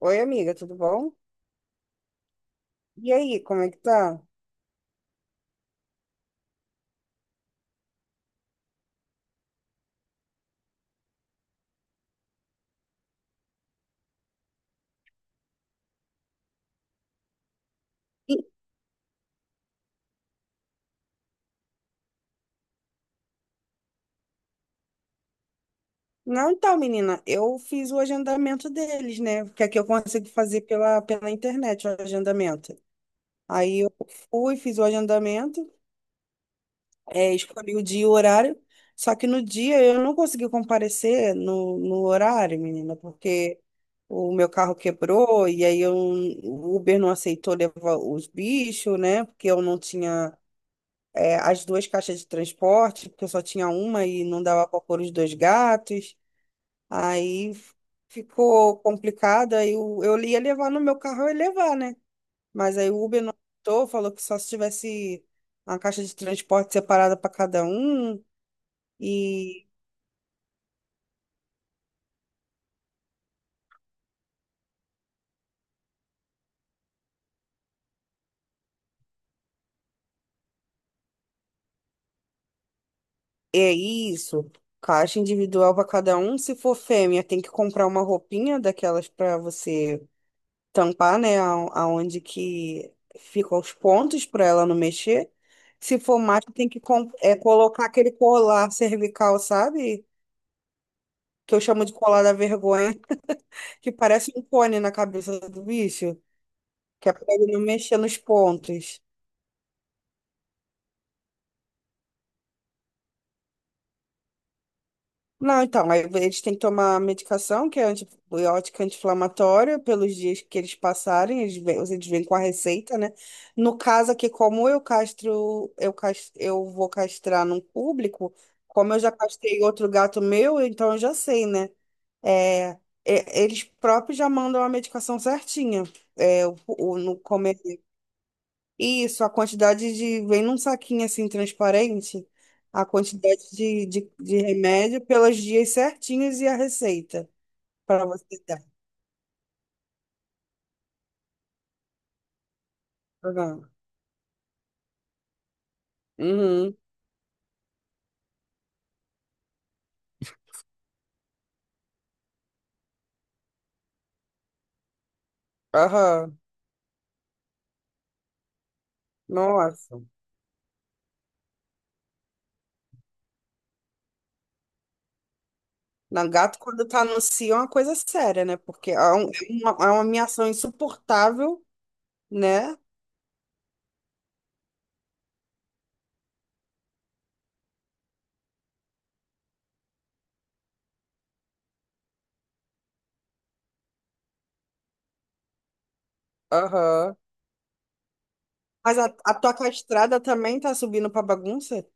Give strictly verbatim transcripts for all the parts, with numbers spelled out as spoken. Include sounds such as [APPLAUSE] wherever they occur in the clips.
Oi, amiga, tudo bom? E aí, como é que tá? E- Não, então, menina, eu fiz o agendamento deles, né? Que aqui eu consigo fazer pela, pela internet o agendamento. Aí eu fui, fiz o agendamento, é, escolhi o dia e o horário, só que no dia eu não consegui comparecer no, no horário, menina, porque o meu carro quebrou e aí eu, o Uber não aceitou levar os bichos, né? Porque eu não tinha. É, as duas caixas de transporte, porque eu só tinha uma e não dava para pôr os dois gatos. Aí f- Ficou complicado. Aí eu, eu ia levar no meu carro, eu ia levar, né? Mas aí o Uber não aceitou, falou que só se tivesse uma caixa de transporte separada para cada um. E é isso. Caixa individual para cada um. Se for fêmea, tem que comprar uma roupinha daquelas para você tampar, né, a- aonde que ficam os pontos para ela não mexer. Se for macho, tem que com- é, colocar aquele colar cervical, sabe? Que eu chamo de colar da vergonha, [LAUGHS] que parece um cone na cabeça do bicho, que é para ele não mexer nos pontos. Não, então, aí eles têm que tomar medicação, que é antibiótica anti-inflamatória, pelos dias que eles passarem, eles vêm, eles vêm com a receita, né? No caso aqui, como eu castro, eu, cas- eu vou castrar num público, como eu já castrei outro gato meu, então eu já sei, né? É, é, eles próprios já mandam a medicação certinha. É, o, o, no começo isso, a quantidade de. Vem num saquinho assim transparente, a quantidade de, de, de remédio pelos dias certinhos e a receita para você dar. Aham. Uhum. Aham. Nossa. Na gato, quando tá no cio, é uma coisa séria, né? Porque é, um- é uma, é uma ameação insuportável, né? Aham. Mas a, a tua castrada também tá subindo pra bagunça?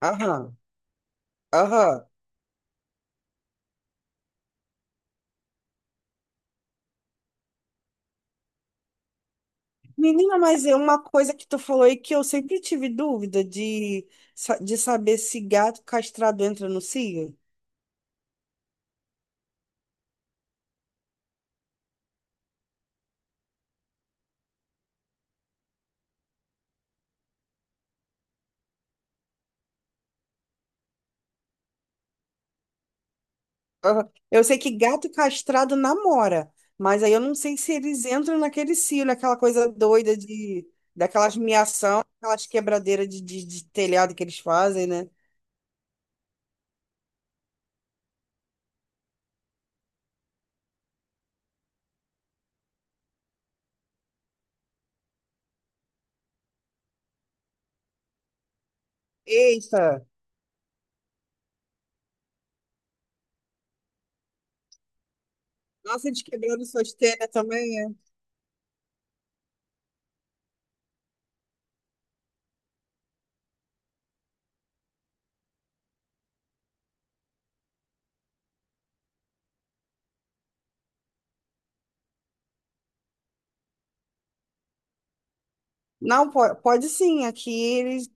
Aham. Aham. Menina, mas é uma coisa que tu falou aí que eu sempre tive dúvida de, sa- de saber se gato castrado entra no cio. Aham. Eu sei que gato castrado namora, mas aí eu não sei se eles entram naquele cio, naquela coisa doida de, daquelas miação, aquelas quebradeiras de, de, de telhado que eles fazem, né? Eita! Nossa, eles quebraram suas telhas também, é? Não, po- pode, sim. Aqui eles,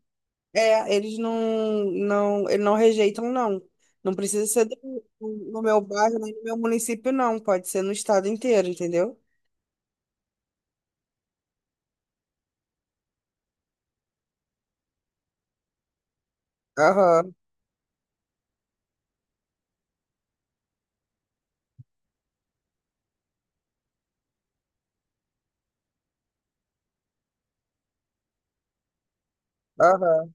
é, eles não, não, eles não rejeitam, não. Não precisa ser do- no meu bairro, nem no meu município, não. Pode ser no estado inteiro, entendeu? Aham, aham.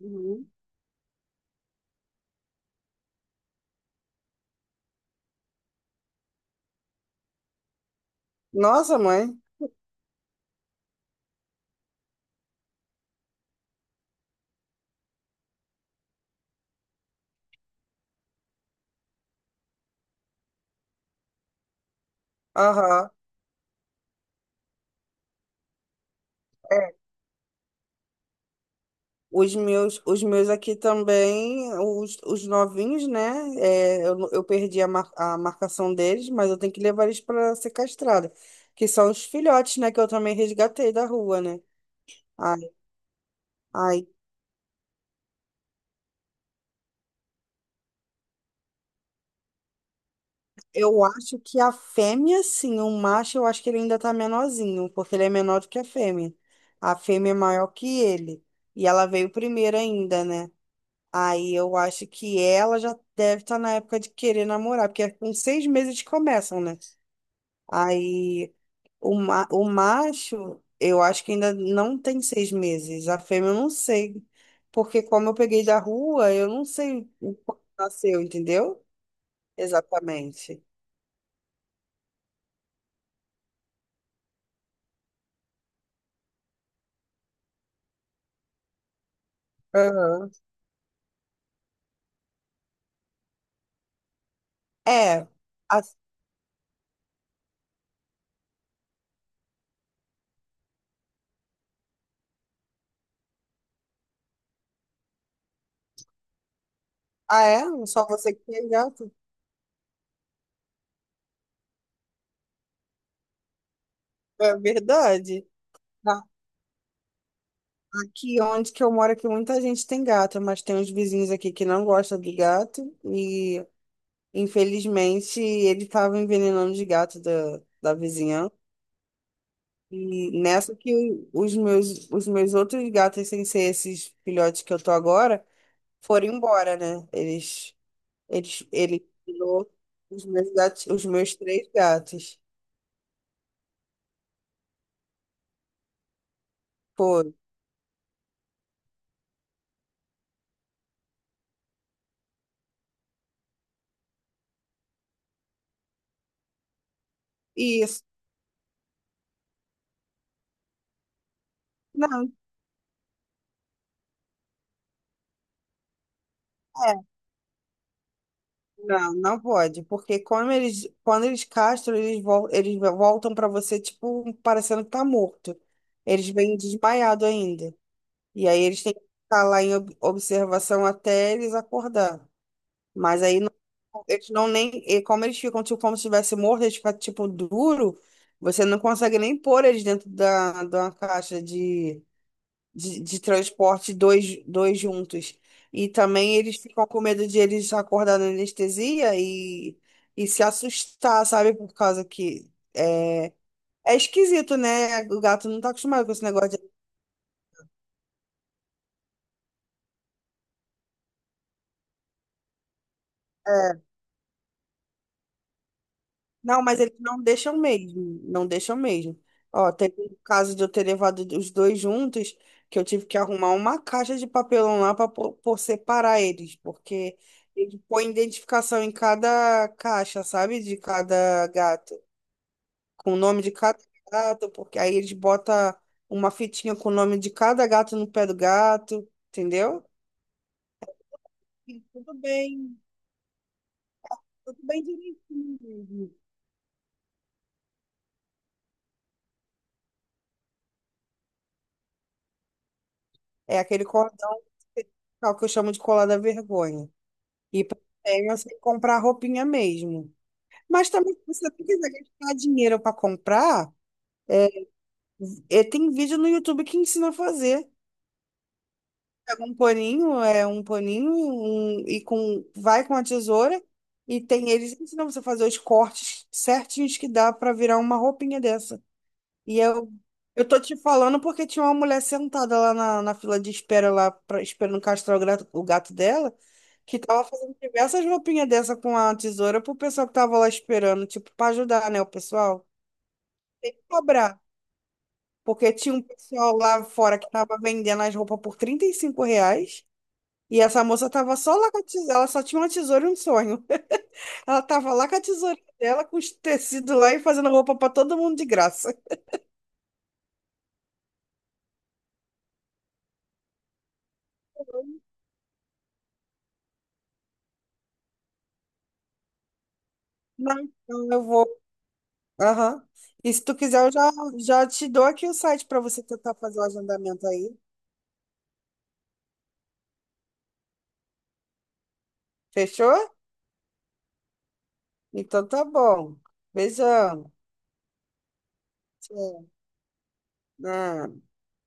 Uhum. Nossa, mãe. Aham. É. Os meus, os meus aqui também, os, os novinhos, né? É, eu, eu perdi a, mar- a marcação deles, mas eu tenho que levar eles para ser castrada. Que são os filhotes, né? Que eu também resgatei da rua, né? Ai, ai, eu acho que a fêmea, sim, o macho, eu acho que ele ainda tá menorzinho, porque ele é menor do que a fêmea. A fêmea é maior que ele. E ela veio primeiro ainda, né? Aí eu acho que ela já deve estar na época de querer namorar, porque é com seis meses eles começam, né? Aí o, ma o macho, eu acho que ainda não tem seis meses. A fêmea eu não sei. Porque como eu peguei da rua, eu não sei o quando nasceu, entendeu? Exatamente. Aham. É. As- Ah, é? Só você que tem gato? É verdade. A- Aqui onde que eu moro, aqui muita gente tem gato, mas tem uns vizinhos aqui que não gostam de gato e, infelizmente, ele estava envenenando os gatos da, da vizinhança. E nessa que os meus, os meus outros gatos, sem ser esses filhotes que eu tô agora, foram embora, né? Eles, eles, ele tirou os meus gatos, os meus três gatos. Foram. Isso. Não. É. Não, não pode, porque quando eles, quando eles castram, eles, vol eles voltam para você, tipo, parecendo que tá morto. Eles vêm desmaiado ainda. E aí eles têm que ficar lá em ob- observação até eles acordar. Mas aí não- eles não nem. E como eles ficam, tipo, como se estivesse morto, eles ficam, tipo, duro, você não consegue nem pôr eles dentro da, de uma caixa de, de transporte, dois, dois juntos. E também eles ficam com medo de eles acordar na anestesia e, e se assustar, sabe? Por causa que é, é esquisito, né? O gato não tá acostumado com esse negócio de. É, não, mas eles não deixam mesmo. Não deixam mesmo. Ó, teve um caso de eu ter levado os dois juntos, que eu tive que arrumar uma caixa de papelão lá para por separar eles, porque ele põe identificação em cada caixa, sabe? De cada gato. Com o nome de cada gato, porque aí eles botam uma fitinha com o nome de cada gato no pé do gato, entendeu? E tudo bem, tudo bem direitinho mesmo. É aquele cordão especial que eu chamo de colar da vergonha. E para você comprar roupinha mesmo. Mas também, se você não quiser gastar dinheiro para comprar, eh, tem vídeo no YouTube que ensina a fazer. Pega um paninho, é um paninho um- e com, vai com a tesoura e tem, eles ensinam você a fazer os cortes certinhos que dá pra virar uma roupinha dessa. E eu, eu tô te falando porque tinha uma mulher sentada lá na, na fila de espera, lá pra, esperando castrar o gato, o gato dela, que tava fazendo diversas roupinhas dessa com a tesoura pro pessoal que tava lá esperando, tipo, pra ajudar, né, o pessoal. Cobrar. Porque tinha um pessoal lá fora que tava vendendo as roupas por trinta e cinco reais e essa moça tava só lá com a tesoura, ela só tinha uma tesoura e um sonho. [LAUGHS] Ela tava lá com a tesoura dela, com os tecidos lá e fazendo roupa pra todo mundo de graça. Não, então eu vou. Aham. E se tu quiser, eu já, já te dou aqui o site pra você tentar fazer o agendamento aí. Fechou? Então tá bom. Beijão. Tchau. Ah.